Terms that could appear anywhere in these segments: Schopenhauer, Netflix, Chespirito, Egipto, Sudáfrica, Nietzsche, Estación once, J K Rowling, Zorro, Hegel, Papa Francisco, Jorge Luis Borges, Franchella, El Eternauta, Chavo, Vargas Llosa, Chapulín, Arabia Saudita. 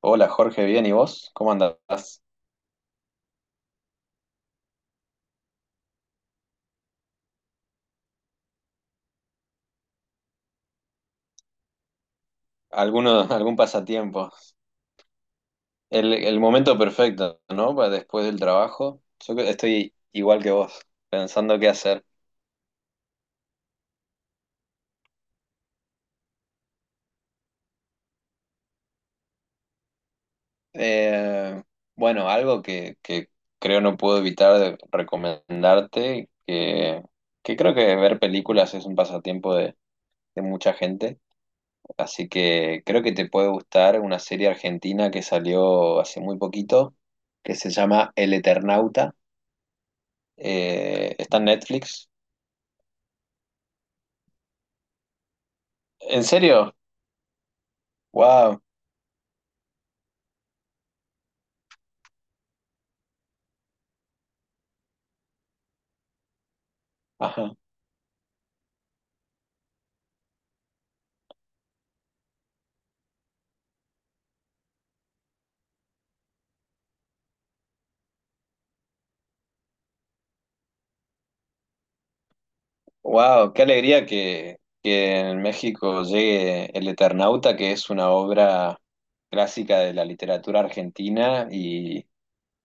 Hola Jorge, bien, ¿y vos? ¿Cómo andás? ¿Alguno, algún pasatiempo? El momento perfecto, ¿no? Para después del trabajo. Estoy igual que vos, pensando qué hacer. Eh, bueno, algo que creo no puedo evitar de recomendarte, que creo que ver películas es un pasatiempo de mucha gente, así que creo que te puede gustar una serie argentina que salió hace muy poquito, que se llama El Eternauta. Está en Netflix. ¿En serio? Wow. Ajá. Wow, qué alegría que en México llegue El Eternauta, que es una obra clásica de la literatura argentina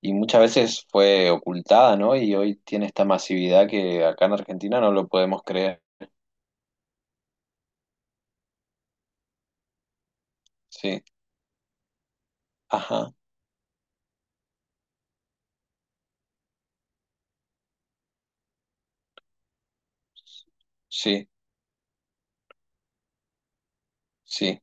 y muchas veces fue ocultada, ¿no? Y hoy tiene esta masividad que acá en Argentina no lo podemos creer. Sí. Ajá. Sí. Sí.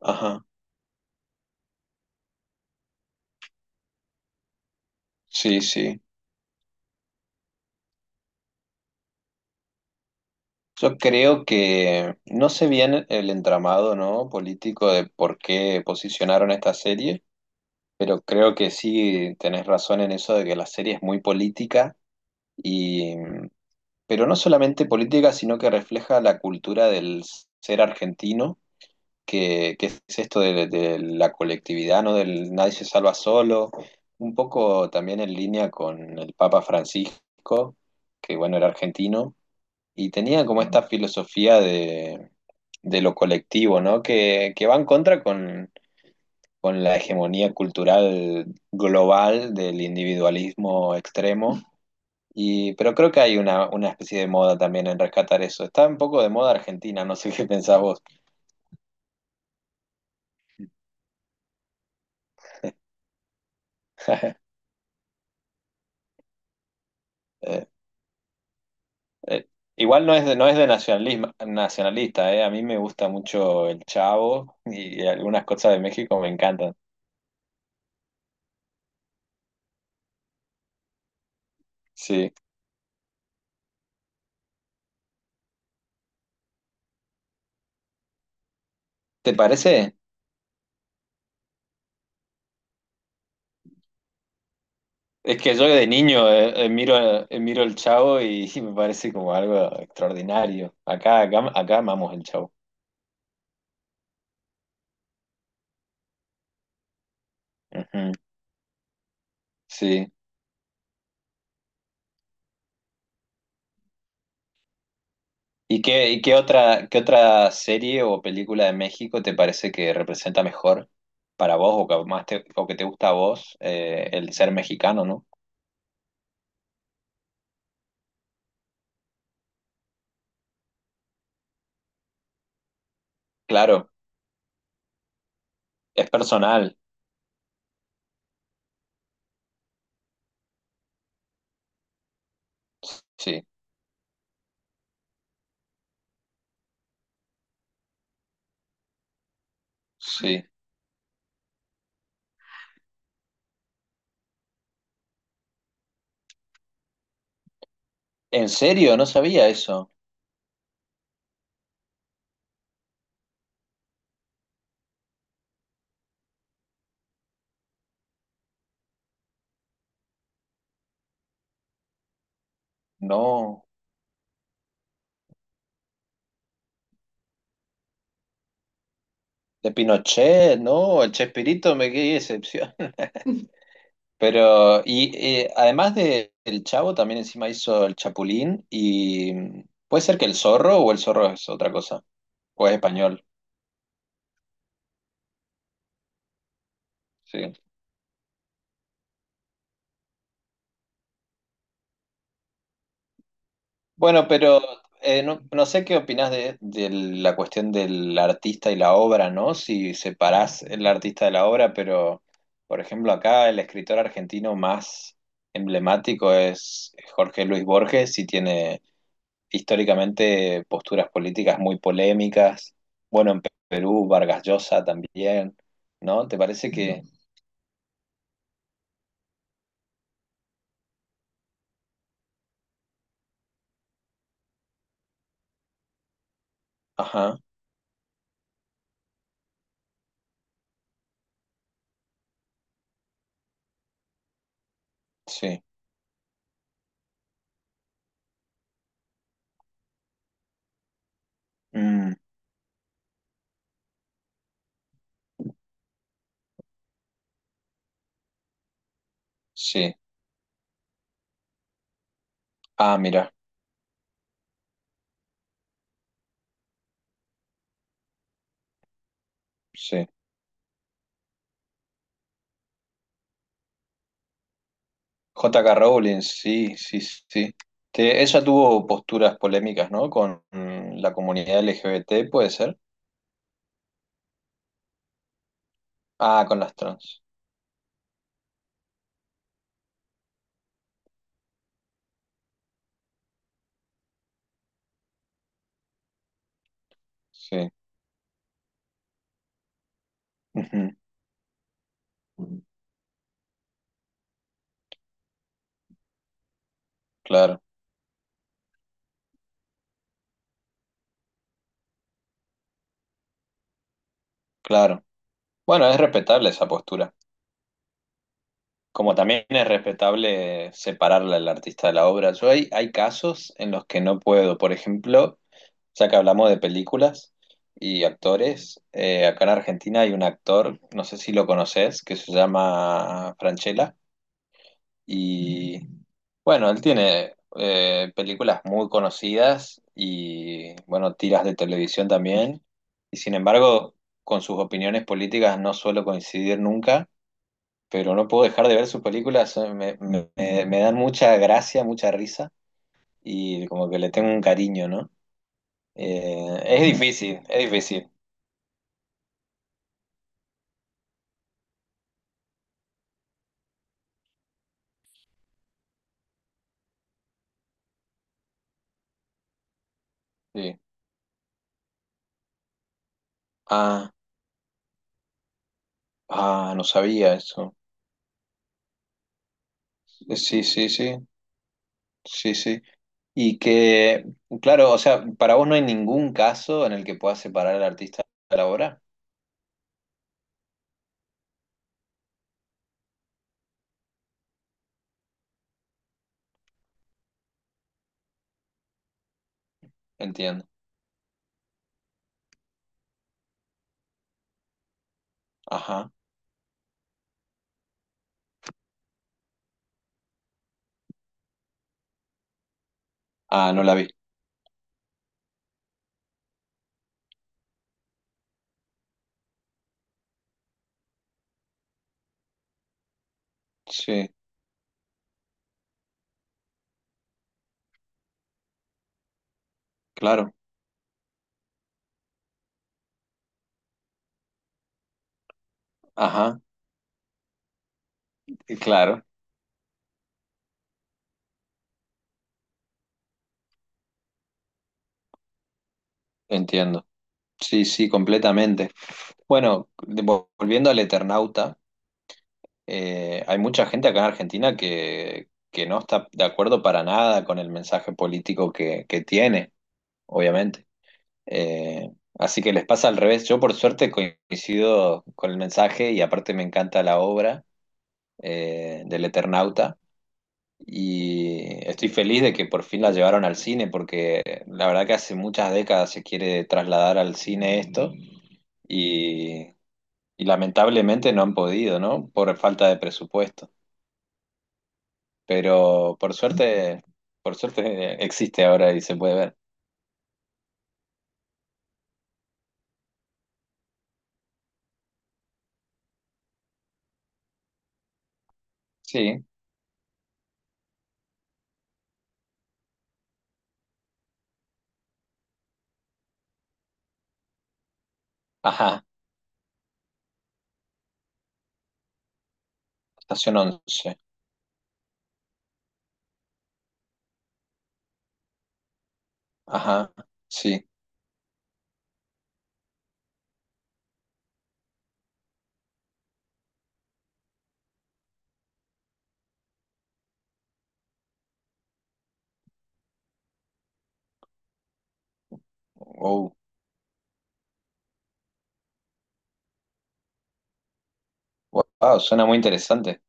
Ajá. Sí, sí. Yo creo que no sé bien el entramado, ¿no? Político de por qué posicionaron esta serie, pero creo que sí tenés razón en eso de que la serie es muy política y mm, pero no solamente política, sino que refleja la cultura del ser argentino, que es esto de la colectividad, ¿no? Del nadie se salva solo, un poco también en línea con el Papa Francisco, que bueno, era argentino y tenía como esta filosofía de lo colectivo, ¿no? Que va en contra con la hegemonía cultural global del individualismo extremo. Y, pero creo que hay una especie de moda también en rescatar eso. Está un poco de moda argentina, no sé qué pensás vos. Eh, eh, Igual no es de, no es de nacionalismo, nacionalista, eh. A mí me gusta mucho el Chavo y algunas cosas de México me encantan. Sí. ¿Te parece? Es que yo de niño miro, miro el Chavo y, me parece como algo extraordinario. Acá amamos el Chavo. Ujú, sí. ¿Y qué, qué otra serie o película de México te parece que representa mejor para vos o que más te, o que te gusta a vos el ser mexicano, ¿no? Claro, es personal. Sí, sí. ¿En serio? No sabía eso. No. De Pinochet, no. El Chespirito me quedé decepción. Pero, y además de El Chavo, también encima hizo El Chapulín y mm, puede ser que El Zorro o El Zorro es otra cosa, o es español, sí. Bueno, pero no, no sé qué opinás de la cuestión del artista y la obra, ¿no? Si separás el artista de la obra, pero, por ejemplo, acá el escritor argentino más emblemático es Jorge Luis Borges y tiene históricamente posturas políticas muy polémicas. Bueno, en Perú, Vargas Llosa también, ¿no? ¿Te parece que...? Ajá, sí. Mm, sí. Ah, mira, sí. J K Rowling, sí, sí, sí. Ella tuvo posturas polémicas, ¿no? Con mm, la comunidad LGBT, ¿puede ser? Ah, con las trans. Sí. Ujú. Claro, claro. Bueno, es respetable esa postura. Como también es respetable separarla el artista de la obra. Yo hay casos en los que no puedo. Por ejemplo, ya que hablamos de películas y actores, acá en Argentina hay un actor, no sé si lo conoces, que se llama Franchella. Y bueno, él tiene películas muy conocidas y bueno, tiras de televisión también. Y sin embargo, con sus opiniones políticas no suelo coincidir nunca pero no puedo dejar de ver sus películas, me dan mucha gracia, mucha risa y como que le tengo un cariño, ¿no? Es difícil, sí. Ah, ah, no sabía eso. Sí, sí, sí, sí, sí. Y que, claro, o sea, para vos no hay ningún caso en el que puedas separar al artista de la obra, entiendo. Ajá. Ah, no la vi. Sí, claro. Ajá, claro, entiendo. Sí, sí, completamente. Bueno, volviendo al Eternauta, hay mucha gente acá en Argentina que no está de acuerdo para nada con el mensaje político que tiene, obviamente. Eh, así que les pasa al revés. Yo por suerte coincido con el mensaje y aparte me encanta la obra del Eternauta. Y estoy feliz de que por fin la llevaron al cine, porque la verdad que hace muchas décadas se quiere trasladar al cine esto. Y Y lamentablemente no han podido, ¿no? Por falta de presupuesto. Pero por suerte, por suerte existe ahora y se puede ver. Sí. Ajá. Estación once. Ajá. Sí. Wow. Wow, suena muy interesante.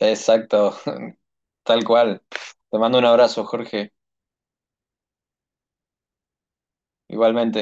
Exacto. Tal cual. Te mando un abrazo, Jorge. Igualmente.